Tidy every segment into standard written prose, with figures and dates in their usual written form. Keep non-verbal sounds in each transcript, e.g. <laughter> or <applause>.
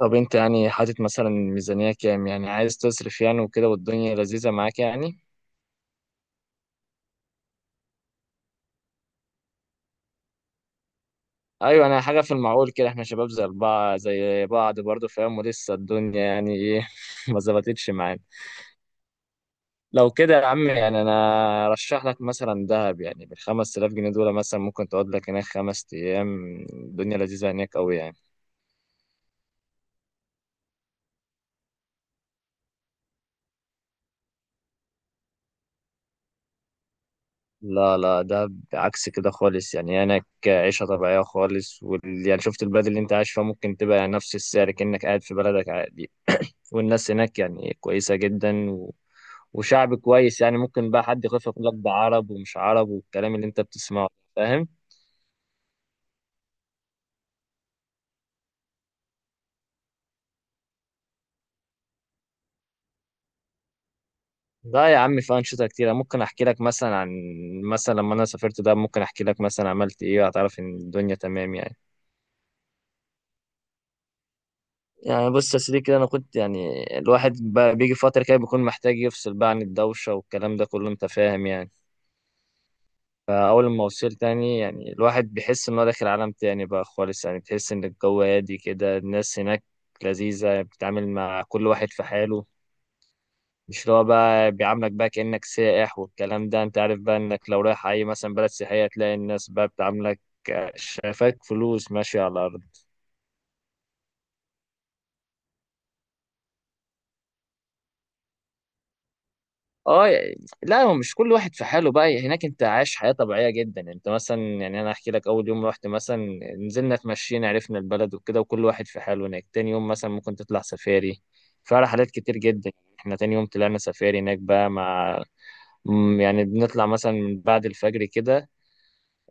طب انت يعني حاطط مثلا ميزانية كام؟ يعني عايز تصرف يعني وكده والدنيا لذيذة معاك يعني. ايوه انا حاجة في المعقول كده، احنا شباب زي بعض زي بعض برضه فاهم، ولسه الدنيا يعني ايه <laughs> ما ظبطتش معانا. لو كده يا عم يعني انا ارشح لك مثلا دهب، يعني بالخمس تلاف جنيه دول مثلا ممكن تقعد لك هناك خمس ايام، الدنيا لذيذة هناك قوي يعني. لا لا، ده عكس كده خالص يعني، هناك عيشة طبيعية خالص يعني شفت البلد اللي انت عايش فيها، ممكن تبقى يعني نفس السعر كأنك قاعد في بلدك عادي. والناس هناك يعني كويسة جدا وشعب كويس يعني. ممكن بقى حد يخاف يقول لك ده عرب ومش عرب والكلام اللي انت بتسمعه فاهم. لا يا عم، في أنشطة كتيرة. ممكن أحكي لك مثلا عن مثلا لما أنا سافرت، ده ممكن أحكي لك مثلا عملت إيه، هتعرف إن الدنيا تمام يعني. يعني بص يا سيدي كده، أنا كنت يعني الواحد بقى بيجي فترة كده بيكون محتاج يفصل بقى عن الدوشة والكلام ده كله، أنت فاهم يعني. فأول ما وصلت تاني، يعني الواحد بيحس إن هو داخل عالم تاني بقى خالص، يعني بتحس إن الجو هادي كده، الناس هناك لذيذة، بتتعامل مع كل واحد في حاله. مش اللي هو بقى بيعاملك بقى كأنك سائح، والكلام ده أنت عارف بقى، إنك لو رايح أي مثلا بلد سياحية تلاقي الناس بقى بتعاملك شايفاك فلوس ماشية على الأرض. اه يعني، لا هو مش كل واحد في حاله بقى، يعني هناك انت عايش حياة طبيعية جدا. انت مثلا يعني انا احكي لك، اول يوم رحت مثلا نزلنا اتمشينا عرفنا البلد وكده وكل واحد في حاله هناك. تاني يوم مثلا ممكن تطلع سفاري، فعلا حاجات كتير جدا. احنا تاني يوم طلعنا سفاري هناك بقى مع يعني بنطلع مثلا من بعد الفجر كده،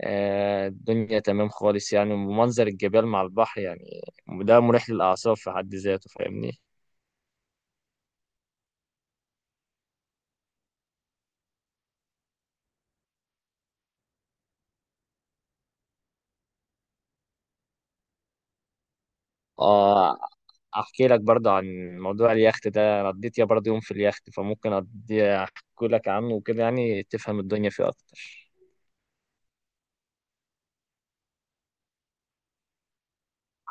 الدنيا تمام خالص يعني، ومنظر الجبال مع البحر يعني، ده مريح للأعصاب في حد ذاته، فاهمني. اه احكي لك برضه عن موضوع اليخت ده، انا قضيت يا برضه يوم في اليخت فممكن أقضي احكي لك عنه وكده، يعني تفهم الدنيا فيه اكتر.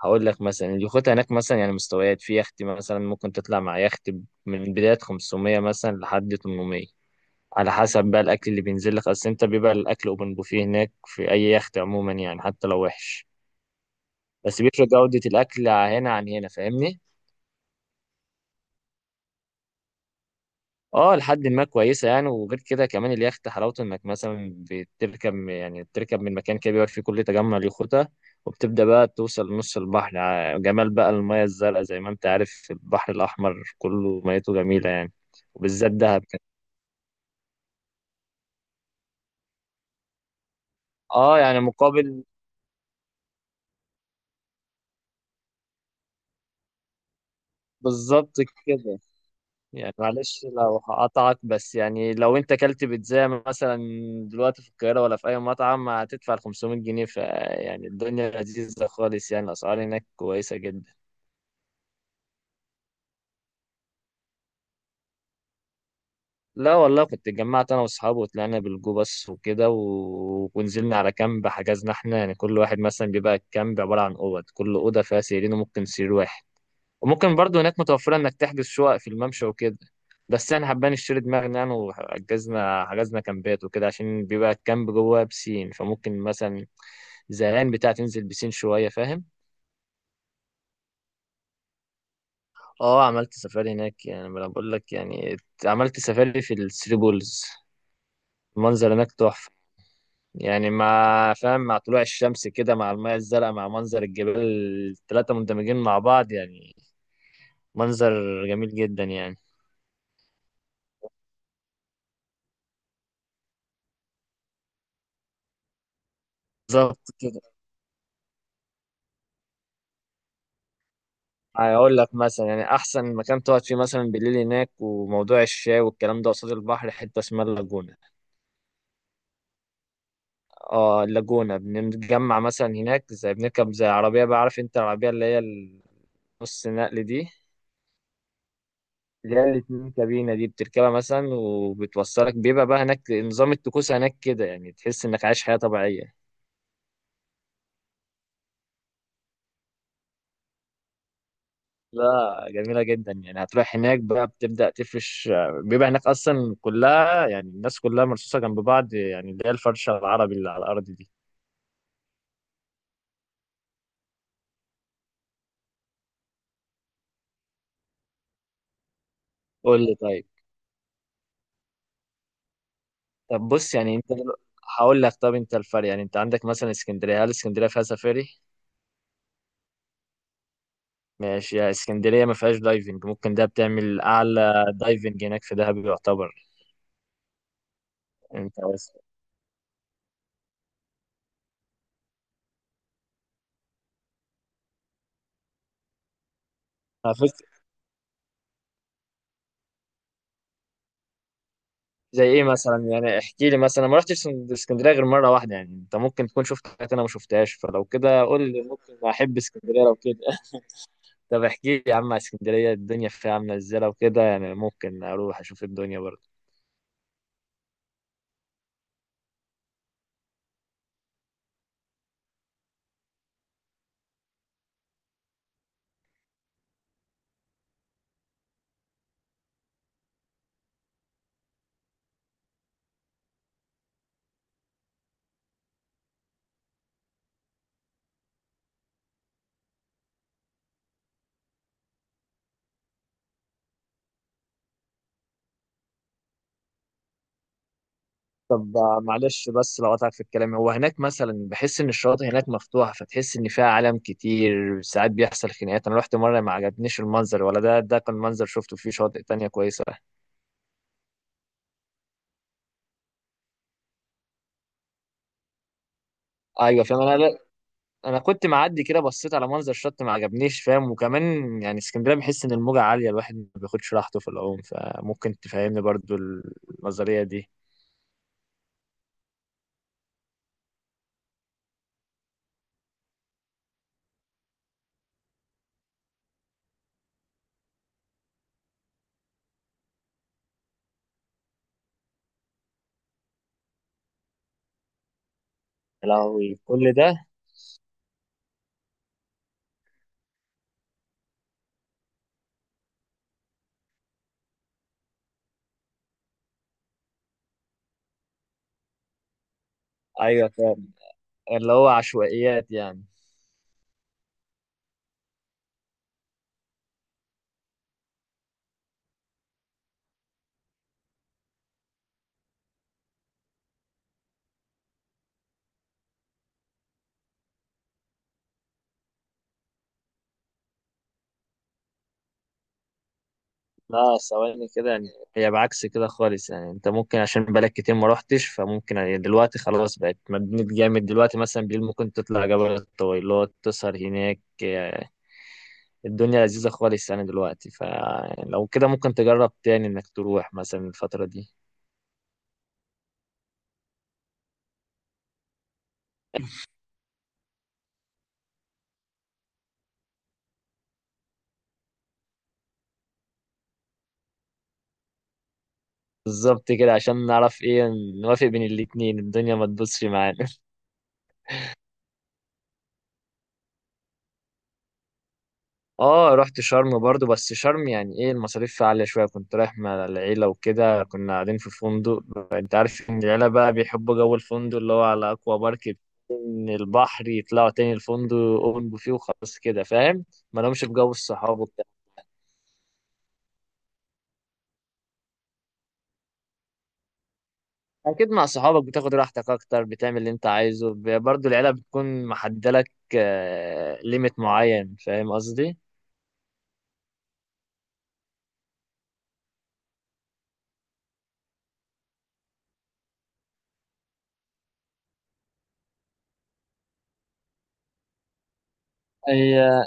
هقول لك مثلا، اليخوت هناك مثلا يعني مستويات. في يخت مثلا ممكن تطلع مع يخت من بداية 500 مثلا لحد 800، على حسب بقى الاكل اللي بينزل لك. اصل انت بيبقى الاكل اوبن بوفيه هناك في اي يخت عموما يعني، حتى لو وحش بس بيفرق جودة الاكل هنا عن هنا، فاهمني. اه لحد ما كويسه يعني. وغير كده كمان اليخت حلاوته انك مثلا بتركب، يعني بتركب من مكان كده بيبقى فيه كل تجمع اليخوتة، وبتبدأ بقى توصل نص البحر. جمال بقى المياه الزرقاء، زي ما انت عارف البحر الأحمر كله ميته جميلة يعني، وبالذات دهب كده. اه يعني مقابل. بالظبط كده. يعني معلش لو هقطعك بس، يعني لو انت كلت بيتزا مثلا دلوقتي في القاهرة ولا في أي مطعم هتدفع 500 جنيه، فيعني الدنيا لذيذة خالص يعني، الأسعار هناك كويسة جدا. لا والله، كنت اتجمعت انا واصحابي وطلعنا بالجو بس وكده ونزلنا على كامب. حجزنا احنا يعني كل واحد مثلا بيبقى الكامب عباره عن اوض، كل اوضه فيها سريرين وممكن سرير واحد. وممكن برضه هناك متوفره انك تحجز شقق في الممشى وكده، بس انا حبان اشتري دماغنا يعني وحجزنا حجزنا كامبات وكده، عشان بيبقى الكامب جوه بسين، فممكن مثلا زهقان بتاع تنزل بسين شويه، فاهم. اه عملت سفاري هناك يعني، ما انا بقول لك يعني عملت سفاري في الثري بولز. المنظر هناك تحفه يعني، مع فاهم مع طلوع الشمس كده مع المياه الزرقاء مع منظر الجبال، التلاتة مندمجين مع بعض يعني، منظر جميل جدا يعني. بالظبط كده. هقول لك مثلا، يعني أحسن مكان تقعد فيه مثلا بالليل هناك، وموضوع الشاي والكلام ده، قصاد البحر حتة اسمها اللاجونة. اه اللاجونة. بنتجمع مثلا هناك، زي بنركب زي عربية بقى، عارف انت العربية اللي هي النص نقل دي، اللي هي الاتنين كابينة دي. بتركبها مثلا وبتوصلك، بيبقى بقى هناك نظام الطقوس هناك كده، يعني تحس انك عايش حياة طبيعية. لا جميلة جدا يعني. هتروح هناك بقى بتبدأ تفرش. بيبقى هناك أصلا كلها يعني الناس كلها مرصوصة جنب بعض يعني، اللي هي الفرشة العربي اللي على الأرض دي. قول لي طيب. طب بص يعني أنت هقول لك. طب أنت الفرق يعني، أنت عندك مثلا اسكندرية، هل اسكندرية فيها سفاري؟ ماشي، يا اسكندرية ما فيهاش دايفنج، ممكن ده بتعمل أعلى دايفنج هناك في دهب يعتبر. أنت بس. زي ايه مثلا؟ يعني احكي لي مثلا، ما رحتش اسكندريه غير مره واحده يعني، انت ممكن تكون شفت حاجات انا ما شفتهاش، فلو كده قول لي، ممكن احب اسكندريه لو كده. <laughs> طب احكي لي يا عم على اسكندريه، الدنيا فيها عامله ازاي؟ لو كده يعني ممكن اروح اشوف الدنيا برضه. طب معلش بس لو قطعت في الكلام، هو هناك مثلا بحس ان الشواطئ هناك مفتوحه، فتحس ان فيها عالم كتير ساعات بيحصل خناقات. انا رحت مره ما عجبنيش المنظر، ولا ده، ده كان منظر شفته، فيه شواطئ تانية كويسه. ايوه فاهم انا. انا كنت معدي كده بصيت على منظر الشط ما عجبنيش، فاهم. وكمان يعني اسكندريه بحس ان الموجه عاليه، الواحد ما بياخدش راحته في العوم، فممكن تفهمني برضو النظريه دي. يا لهوي كل ده! ايوه فاهم، اللي هو عشوائيات يعني. لا ثواني كده يعني، هي بعكس كده خالص يعني. انت ممكن عشان بقالك كتير ما روحتش، فممكن يعني دلوقتي خلاص بقت مدينة جامد. دلوقتي مثلا بالليل ممكن تطلع جبل الطويلات تسهر هناك، الدنيا لذيذة خالص يعني دلوقتي. فلو كده ممكن تجرب تاني انك تروح مثلا الفترة دي. بالظبط كده، عشان نعرف ايه، نوافق بين الاتنين الدنيا ما تبصش معانا. <laughs> اه رحت شرم برضو، بس شرم يعني ايه المصاريف فيها عالية شوية. كنت رايح مع العيلة وكده، كنا قاعدين في فندق. انت عارف ان العيلة بقى بيحبوا جو الفندق اللي هو على اكوا بارك، من البحر يطلعوا تاني الفندق، اوبن بوفيه وخلاص كده فاهم، ما لهمش بجو الصحاب وبتاع. اكيد مع صحابك بتاخد راحتك اكتر، بتعمل اللي انت عايزه. برضو العيله بتكون محدده لك ليميت معين، فاهم قصدي. هي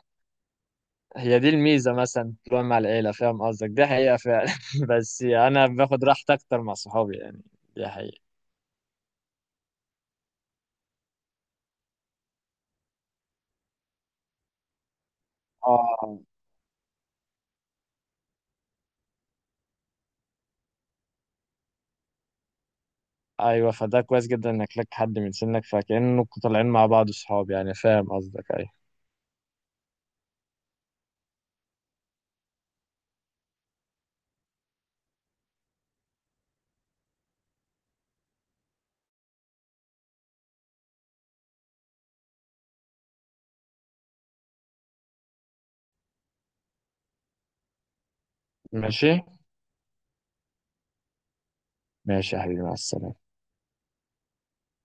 هي دي الميزه، مثلا تروح مع العيله، فاهم قصدك، دي حقيقه فعلا. <laughs> بس انا باخد راحتي اكتر مع صحابي يعني، دي حقيقه. اه ايوه، فده كويس جدا انك لك حد من سنك، فكأنكم طالعين مع بعض صحاب يعني، فاهم قصدك. ايوه ماشي. ماشي يا حبيبي، مع السلامه.